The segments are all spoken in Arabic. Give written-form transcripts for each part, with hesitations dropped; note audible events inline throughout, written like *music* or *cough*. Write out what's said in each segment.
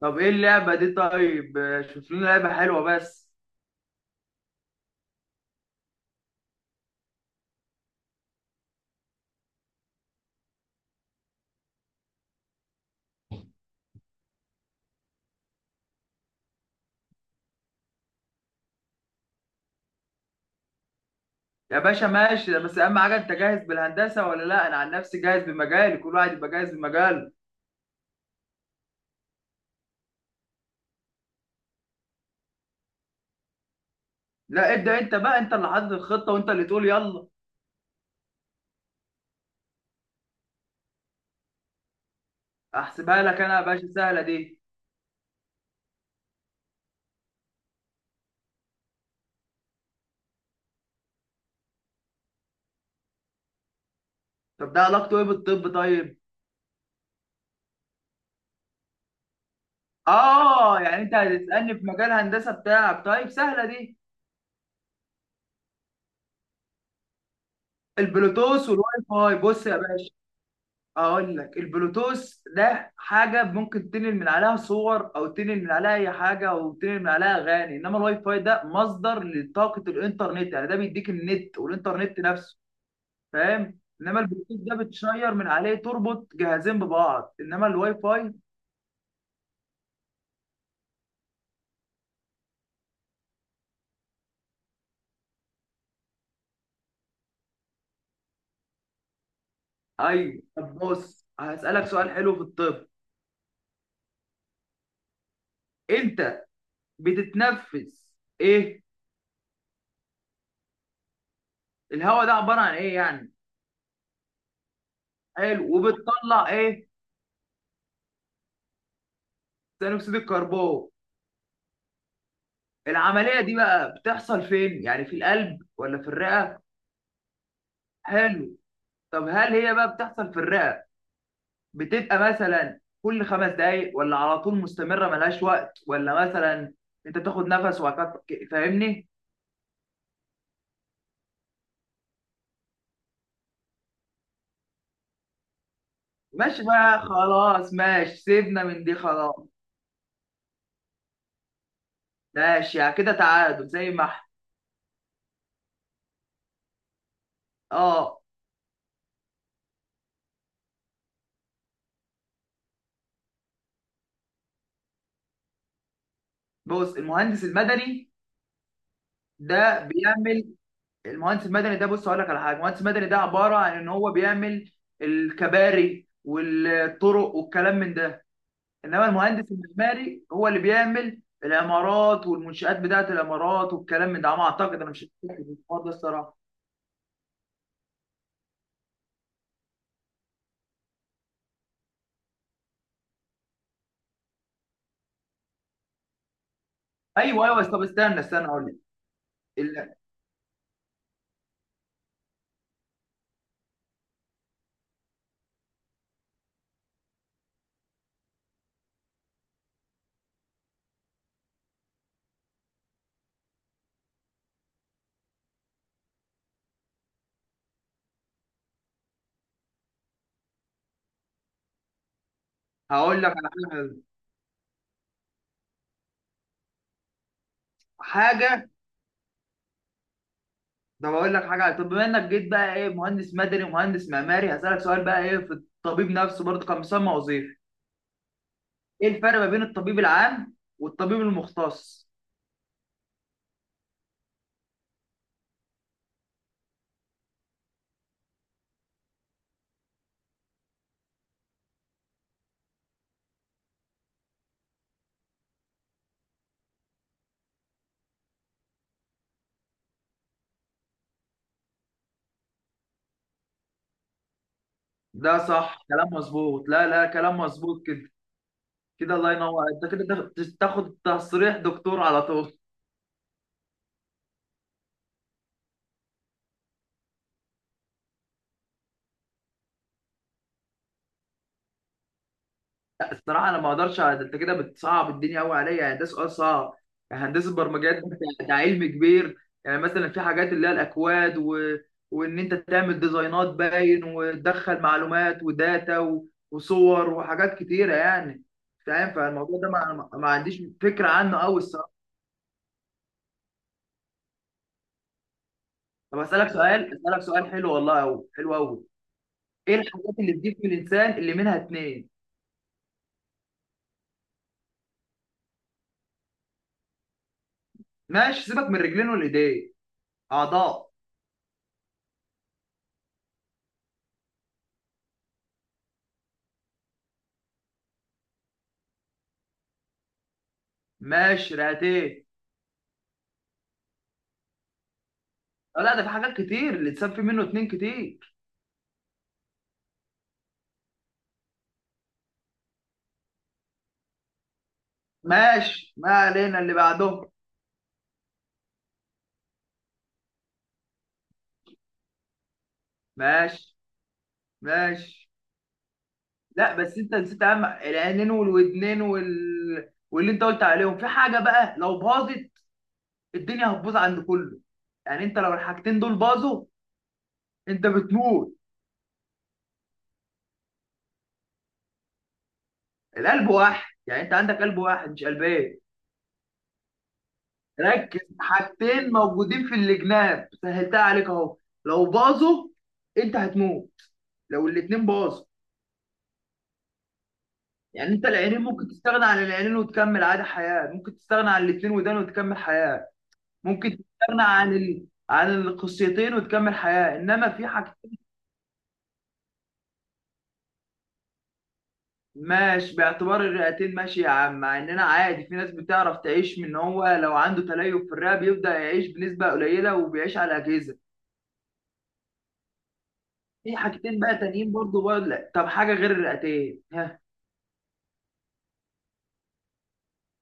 طب ايه اللعبة دي؟ طيب شوف لنا لعبة حلوة بس. يا باشا ماشي، بس اهم حاجة انت جاهز بالهندسة ولا لا؟ انا عن نفسي جاهز بمجالي، كل واحد يبقى جاهز بمجاله. لا ابدأ انت بقى، انت اللي حاطط الخطة وانت اللي تقول يلا. احسبها لك انا يا باشا، سهلة دي. طب ده علاقته ايه بالطب؟ طيب اه، يعني انت هتسألني في مجال هندسة بتاعك؟ طيب سهلة دي. البلوتوث والواي فاي، بص يا باشا اقول لك، البلوتوث ده حاجه ممكن تنقل من عليها صور او تنقل من عليها اي حاجه او تنقل من عليها اغاني، انما الواي فاي ده مصدر لطاقه الانترنت، يعني ده بيديك النت والانترنت نفسه، فاهم؟ انما البلوتوث ده بتشير من عليه، تربط جهازين ببعض، انما الواي فاي. ايوه، طب بص هسالك سؤال حلو في الطب. انت بتتنفس ايه؟ الهواء ده عباره عن ايه يعني؟ حلو، وبتطلع ايه؟ ثاني اكسيد الكربون. العملية دي بقى بتحصل فين؟ يعني في القلب ولا في الرئة؟ حلو. طب هل هي بقى بتحصل في الرئة بتبقى مثلا كل خمس دقايق ولا على طول مستمرة ملهاش وقت، ولا مثلا انت تاخد نفس وبعد كده- فاهمني؟ ماشي بقى، خلاص ماشي، سيبنا من دي خلاص. ماشي، يعني كده تعادل زي ما احنا. اه. بص المهندس المدني ده بيعمل، المهندس المدني ده بص هقول لك على حاجه، المهندس المدني ده عباره عن ان هو بيعمل الكباري والطرق والكلام من ده، انما المهندس المعماري هو اللي بيعمل العمارات والمنشآت بتاعه العمارات والكلام من ده، على ما اعتقد، انا مش متأكد من الحوار ده الصراحه. ايوه ايوه، طب استنى اقول لك. ال-، هقول لك على حاجه، حاجه، ده بقول لك حاجه. طب بما انك جيت بقى ايه مهندس مدني ومهندس معماري، هسألك سؤال بقى ايه في الطبيب نفسه، برضه كان مسمى وظيفي. ايه الفرق ما بين الطبيب العام والطبيب المختص؟ ده صح، كلام مظبوط، لا لا كلام مظبوط كده. كده الله ينور، انت كده تاخد، تاخد تصريح دكتور على طول. *laughs* لا الصراحه انا ما اقدرش على- ده، انت كده بتصعب الدنيا قوي عليا، يعني ده سؤال صعب. يعني هندسه برمجيات ده، ده علم كبير. يعني مثلا في حاجات اللي هي الاكواد و... وان انت تعمل ديزاينات باين، وتدخل معلومات وداتا و... وصور وحاجات كتيره يعني، فاهم؟ فالموضوع ده ما عنديش فكره عنه قوي الصراحه. طب اسالك سؤال، اسالك سؤال حلو والله، قوي حلو قوي. ايه الحاجات اللي بتجيب في الانسان اللي منها اتنين؟ ماشي سيبك من رجلين والايدين، اعضاء. ماشي رئتين. آه، لا، ده في حاجات كتير الانسان في منه اتنين كتير. ماشي ما علينا اللي بعدهم. ماشي. ماشي. لا بس انت نسيت اهم، العينين والودنين وال... واللي انت قلت عليهم، في حاجه بقى لو باظت الدنيا هتبوظ عند كله، يعني انت لو الحاجتين دول باظوا انت بتموت. القلب واحد، يعني انت عندك قلب واحد مش قلبين. ركز، حاجتين موجودين في الجناب سهلتها عليك اهو، لو باظوا انت هتموت، لو الاتنين باظوا. يعني انت العينين ممكن تستغنى عن العينين وتكمل عادي حياة، ممكن تستغنى عن الاتنين ودان وتكمل حياة، ممكن تستغنى عن ال... عن القصيتين وتكمل حياة، انما في حاجتين. ماشي باعتبار الرئتين، ماشي يا عم، مع اننا عادي في ناس بتعرف تعيش، من هو لو عنده تليف في الرئة بيبدأ يعيش بنسبة قليلة وبيعيش على أجهزة. في حاجتين بقى تانيين برضه بقى، لا طب حاجة غير الرئتين ها.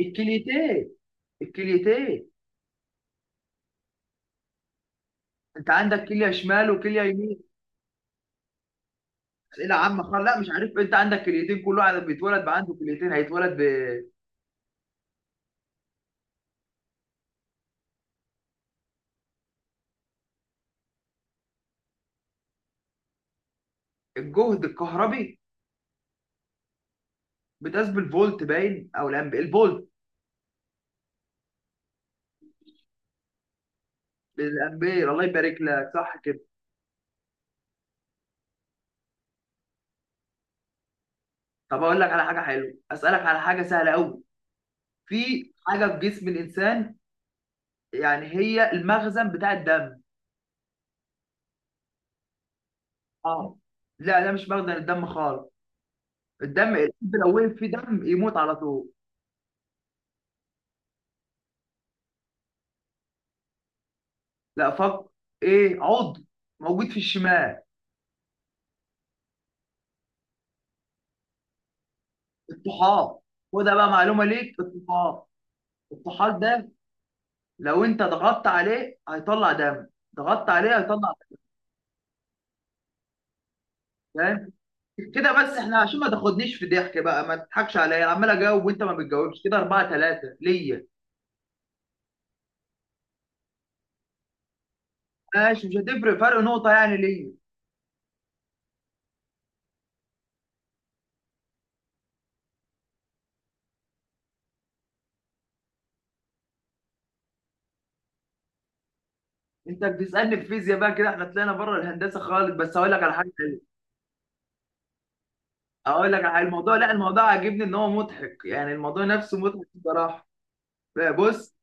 الكليتين، الكليتين. انت عندك كليه شمال وكليه يمين. اسئله عامه خالص، لا مش عارف، انت عندك كليتين، كل واحد بيتولد بقى عنده كليتين هيتولد. بالجهد الكهربي. بتقاس بالفولت باين او الامبير، الفولت. الامبير، الله يبارك لك، صح كده. طب اقول لك على حاجه حلوه، اسالك على حاجه سهله قوي. في حاجه في جسم الانسان يعني هي المخزن بتاع الدم. اه. لا ده مش مخزن الدم خالص، الدم القلب لو وقف فيه دم يموت على طول. لا فك. ايه عضو موجود في الشمال؟ الطحال، وده بقى معلومه ليك، الطحال. الطحال ده لو انت ضغطت عليه هيطلع دم، ضغطت عليه هيطلع دم، فاهم؟ كده بس احنا عشان ما تاخدنيش في ضحك بقى، ما تضحكش عليا عمال اجاوب وانت ما بتجاوبش، كده 4 3 ليا. ماشي، مش هتفرق فرق نقطه يعني ليا. انت بتسالني في فيزياء بقى كده، احنا طلعنا بره الهندسه خالص، بس هقول لك على حاجه حلوة. هقول لك على الموضوع، لا الموضوع عاجبني ان هو مضحك، يعني الموضوع نفسه مضحك بصراحه. بص.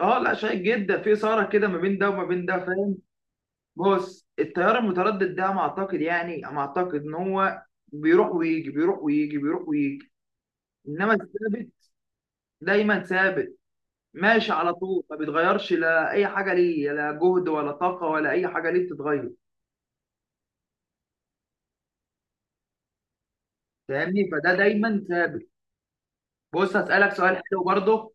اه لا شيق جدا، في اثاره كده ما بين ده وما بين ده، فاهم؟ بص التيار المتردد ده انا اعتقد، يعني انا اعتقد ان هو بيروح ويجي، بيروح ويجي، بيروح ويجي. انما الثابت دايما ثابت، ماشي على طول ما بيتغيرش، لا اي حاجه ليه، لا جهد ولا طاقه ولا اي حاجه ليه بتتغير. فاهمني؟ فده دايما ثابت. بص هسالك سؤال حلو برضه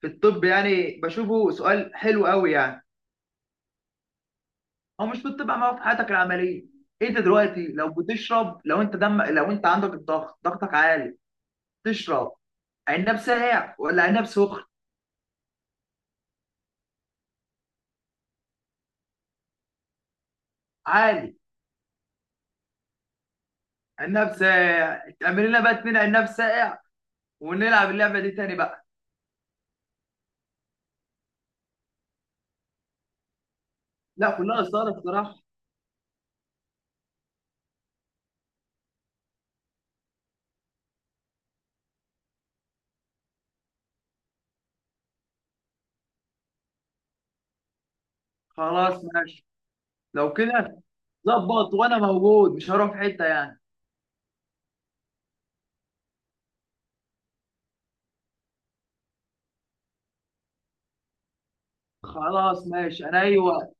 في الطب، يعني بشوفه سؤال حلو قوي يعني. هو مش بتطبق معاه في حياتك العمليه؟ انت دلوقتي لو بتشرب، لو انت دم، لو انت عندك الضغط، ضغطك عالي تشرب عناب ساقع ولا عناب سخن؟ عالي. عناب ساقع، تعمل لنا بقى اتنين عناب ساقع ونلعب اللعبه دي تاني بقى. لا كلها اثاره الصراحه. خلاص ماشي. لو كده ظبط، وانا موجود مش هروح في حته يعني. خلاص ماشي، انا اي وقت.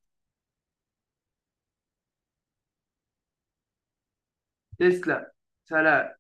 تسلم. سلام.